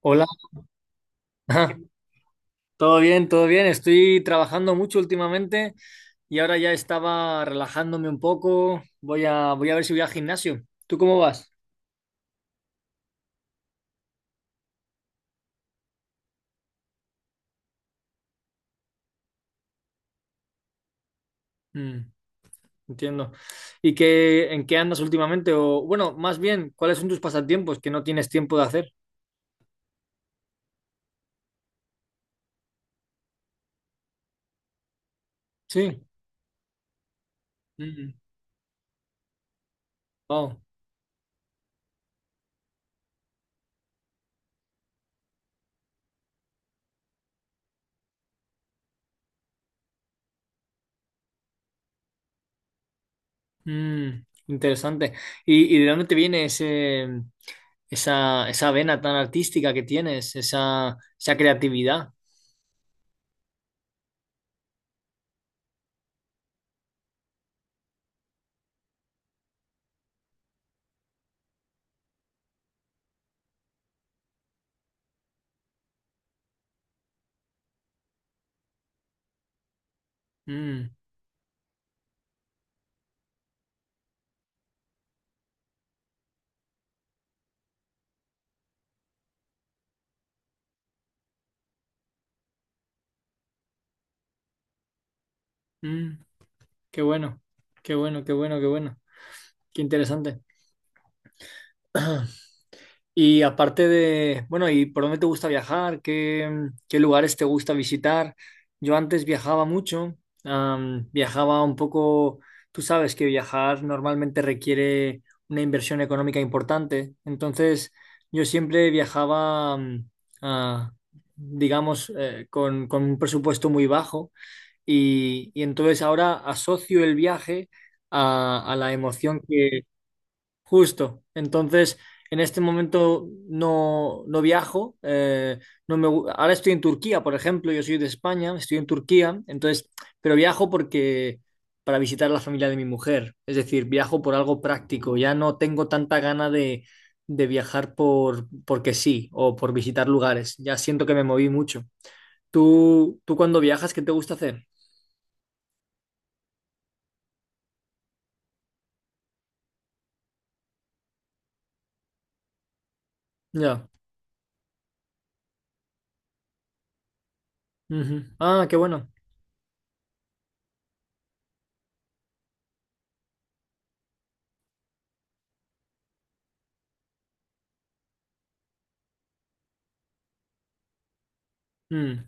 Hola, todo bien, todo bien. Estoy trabajando mucho últimamente y ahora ya estaba relajándome un poco. Voy a ver si voy al gimnasio. ¿Tú cómo vas? Mm, entiendo. ¿Y en qué andas últimamente? O, bueno, más bien, ¿cuáles son tus pasatiempos que no tienes tiempo de hacer? Sí. Mm, wow. Mm, interesante. ¿Y de dónde te viene esa vena tan artística que tienes, esa creatividad? Mm, mm, qué bueno, qué bueno, qué bueno, qué bueno. Qué interesante. Y aparte de, bueno, ¿y por dónde te gusta viajar? ¿Qué lugares te gusta visitar? Yo antes viajaba mucho, viajaba un poco. Tú sabes que viajar normalmente requiere una inversión económica importante. Entonces yo siempre viajaba, ah, digamos, con un presupuesto muy bajo, y entonces ahora asocio el viaje a la emoción. Justo. Entonces, en este momento no viajo. No me, gu- ahora estoy en Turquía, por ejemplo. Yo soy de España, estoy en Turquía. Entonces, pero viajo porque para visitar a la familia de mi mujer. Es decir, viajo por algo práctico. Ya no tengo tanta gana de viajar porque sí o por visitar lugares. Ya siento que me moví mucho. ¿Tú cuando viajas, qué te gusta hacer? Ya. Ujú. Ah, qué bueno. Mm.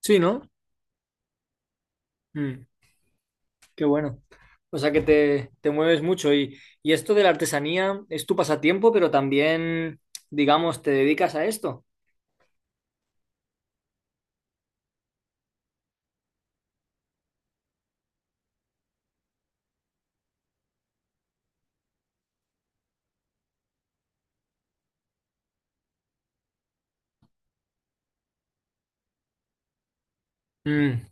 Sí, ¿no? Mm. Qué bueno. O sea que te mueves mucho, y esto de la artesanía es tu pasatiempo, pero también, digamos, te dedicas a esto. Mm.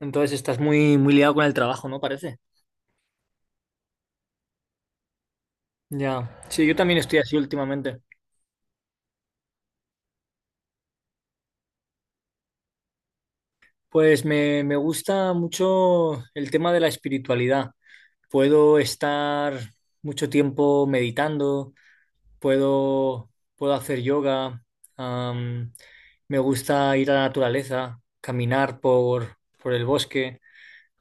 Entonces estás muy, muy liado con el trabajo, ¿no? Parece. Ya. Sí, yo también estoy así últimamente. Pues me gusta mucho el tema de la espiritualidad. Puedo estar mucho tiempo meditando. Puedo hacer yoga. am, me gusta ir a la naturaleza, caminar por el bosque.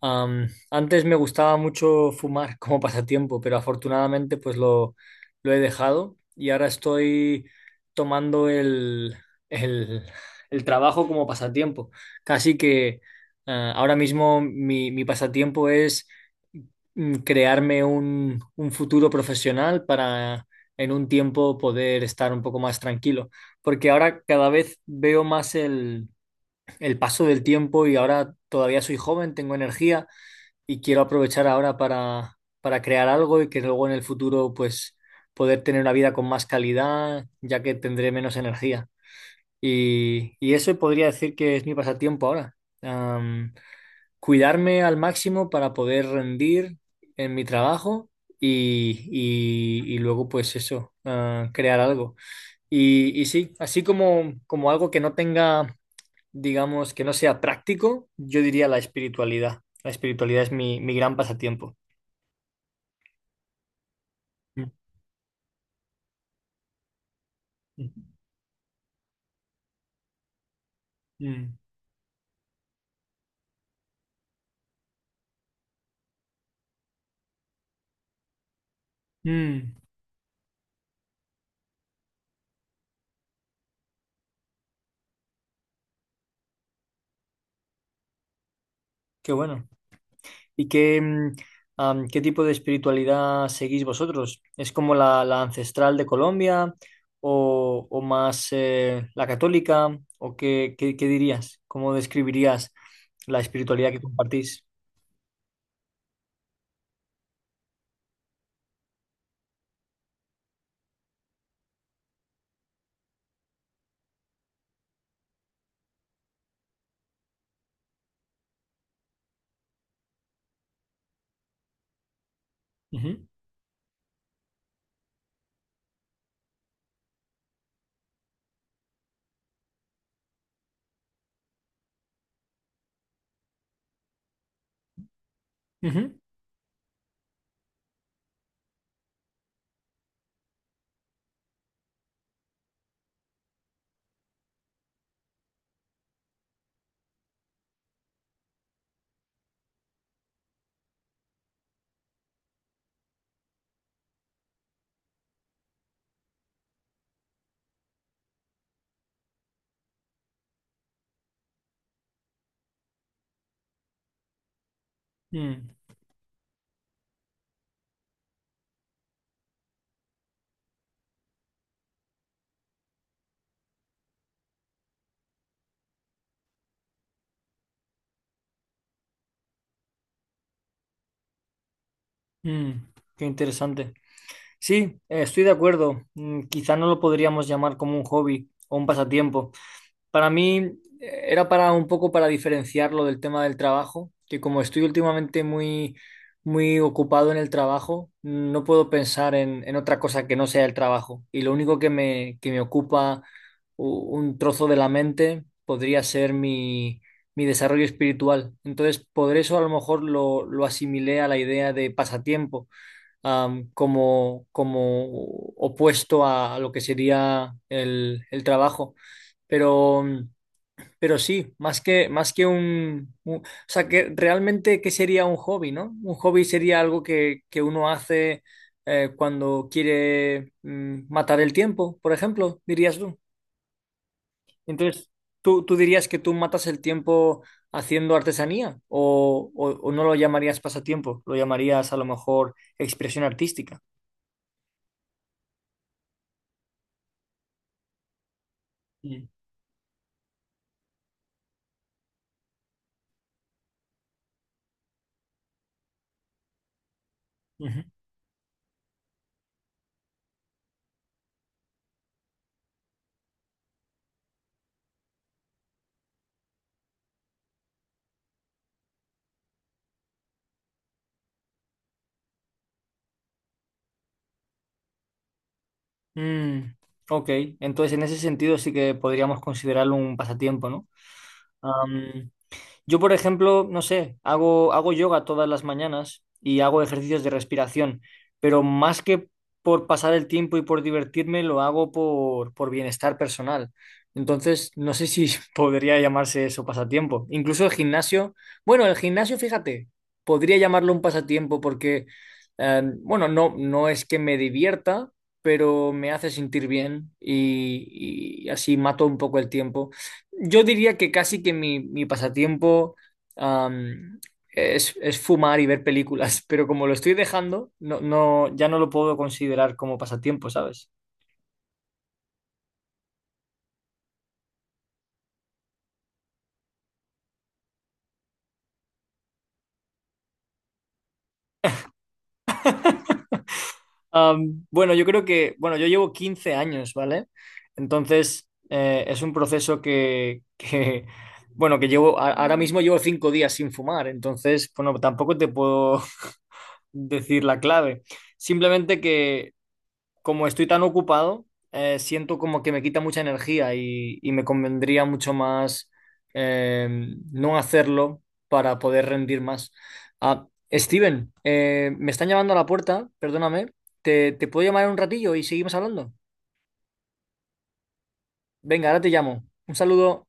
Antes me gustaba mucho fumar como pasatiempo, pero afortunadamente pues lo he dejado y ahora estoy tomando el, el trabajo como pasatiempo. Casi que ahora mismo mi pasatiempo es crearme un futuro profesional para en un tiempo poder estar un poco más tranquilo. Porque ahora cada vez veo más el paso del tiempo y ahora todavía soy joven, tengo energía y quiero aprovechar ahora para crear algo y que luego en el futuro pues poder tener una vida con más calidad, ya que tendré menos energía. Y eso podría decir que es mi pasatiempo ahora, cuidarme al máximo para poder rendir en mi trabajo y luego pues eso, crear algo. Y sí, así como algo que no tenga, digamos, que no sea práctico, yo diría la espiritualidad. La espiritualidad es mi gran pasatiempo. Mm, mm, mm, mm, qué bueno. ¿Y qué tipo de espiritualidad seguís vosotros? ¿Es como la ancestral de Colombia, o más la católica? ¿O qué dirías? ¿Cómo describirías la espiritualidad que compartís? Ujú, ujú, mm, mm, qué interesante. Sí, estoy de acuerdo. Mm, quizá no lo podríamos llamar como un hobby o un pasatiempo. Para mí era para un poco para diferenciarlo del tema del trabajo, que como estoy últimamente muy, muy ocupado en el trabajo, no puedo pensar en otra cosa que no sea el trabajo. Y lo único que me ocupa un trozo de la mente podría ser mi desarrollo espiritual. Entonces, por eso a lo mejor lo asimilé a la idea de pasatiempo, como, como opuesto a lo que sería el trabajo. Pero, pero sí, más que un- o sea, que realmente, ¿qué sería un hobby, no? Un hobby sería algo que uno hace cuando quiere matar el tiempo, por ejemplo, dirías tú. Entonces, ¿tú dirías que tú matas el tiempo haciendo artesanía, o o no lo llamarías pasatiempo, lo llamarías a lo mejor expresión artística? Ujú. Mm, ok, entonces en ese sentido sí que podríamos considerarlo un pasatiempo, ¿no? Yo, por ejemplo, no sé, hago yoga todas las mañanas y hago ejercicios de respiración, pero más que por pasar el tiempo y por divertirme, lo hago por bienestar personal. Entonces, no sé si podría llamarse eso pasatiempo. Incluso el gimnasio, bueno, el gimnasio, fíjate, podría llamarlo un pasatiempo porque, bueno, no, no es que me divierta, pero me hace sentir bien y así mato un poco el tiempo. Yo diría que casi que mi pasatiempo am, es fumar y ver películas, pero como lo estoy dejando, no, no, ya no lo puedo considerar como pasatiempo, ¿sabes? Bueno, yo creo que, bueno, yo llevo 15 años, ¿vale? Entonces, es un proceso bueno, que llevo, ahora mismo llevo 5 días sin fumar. Entonces, bueno, tampoco te puedo decir la clave. Simplemente que como estoy tan ocupado, siento como que me quita mucha energía, y me convendría mucho más eh, no hacerlo para poder rendir más. Ah, Steven, me están llamando a la puerta, perdóname. ¿Te puedo llamar en un ratillo y seguimos hablando? Venga, ahora te llamo. Un saludo.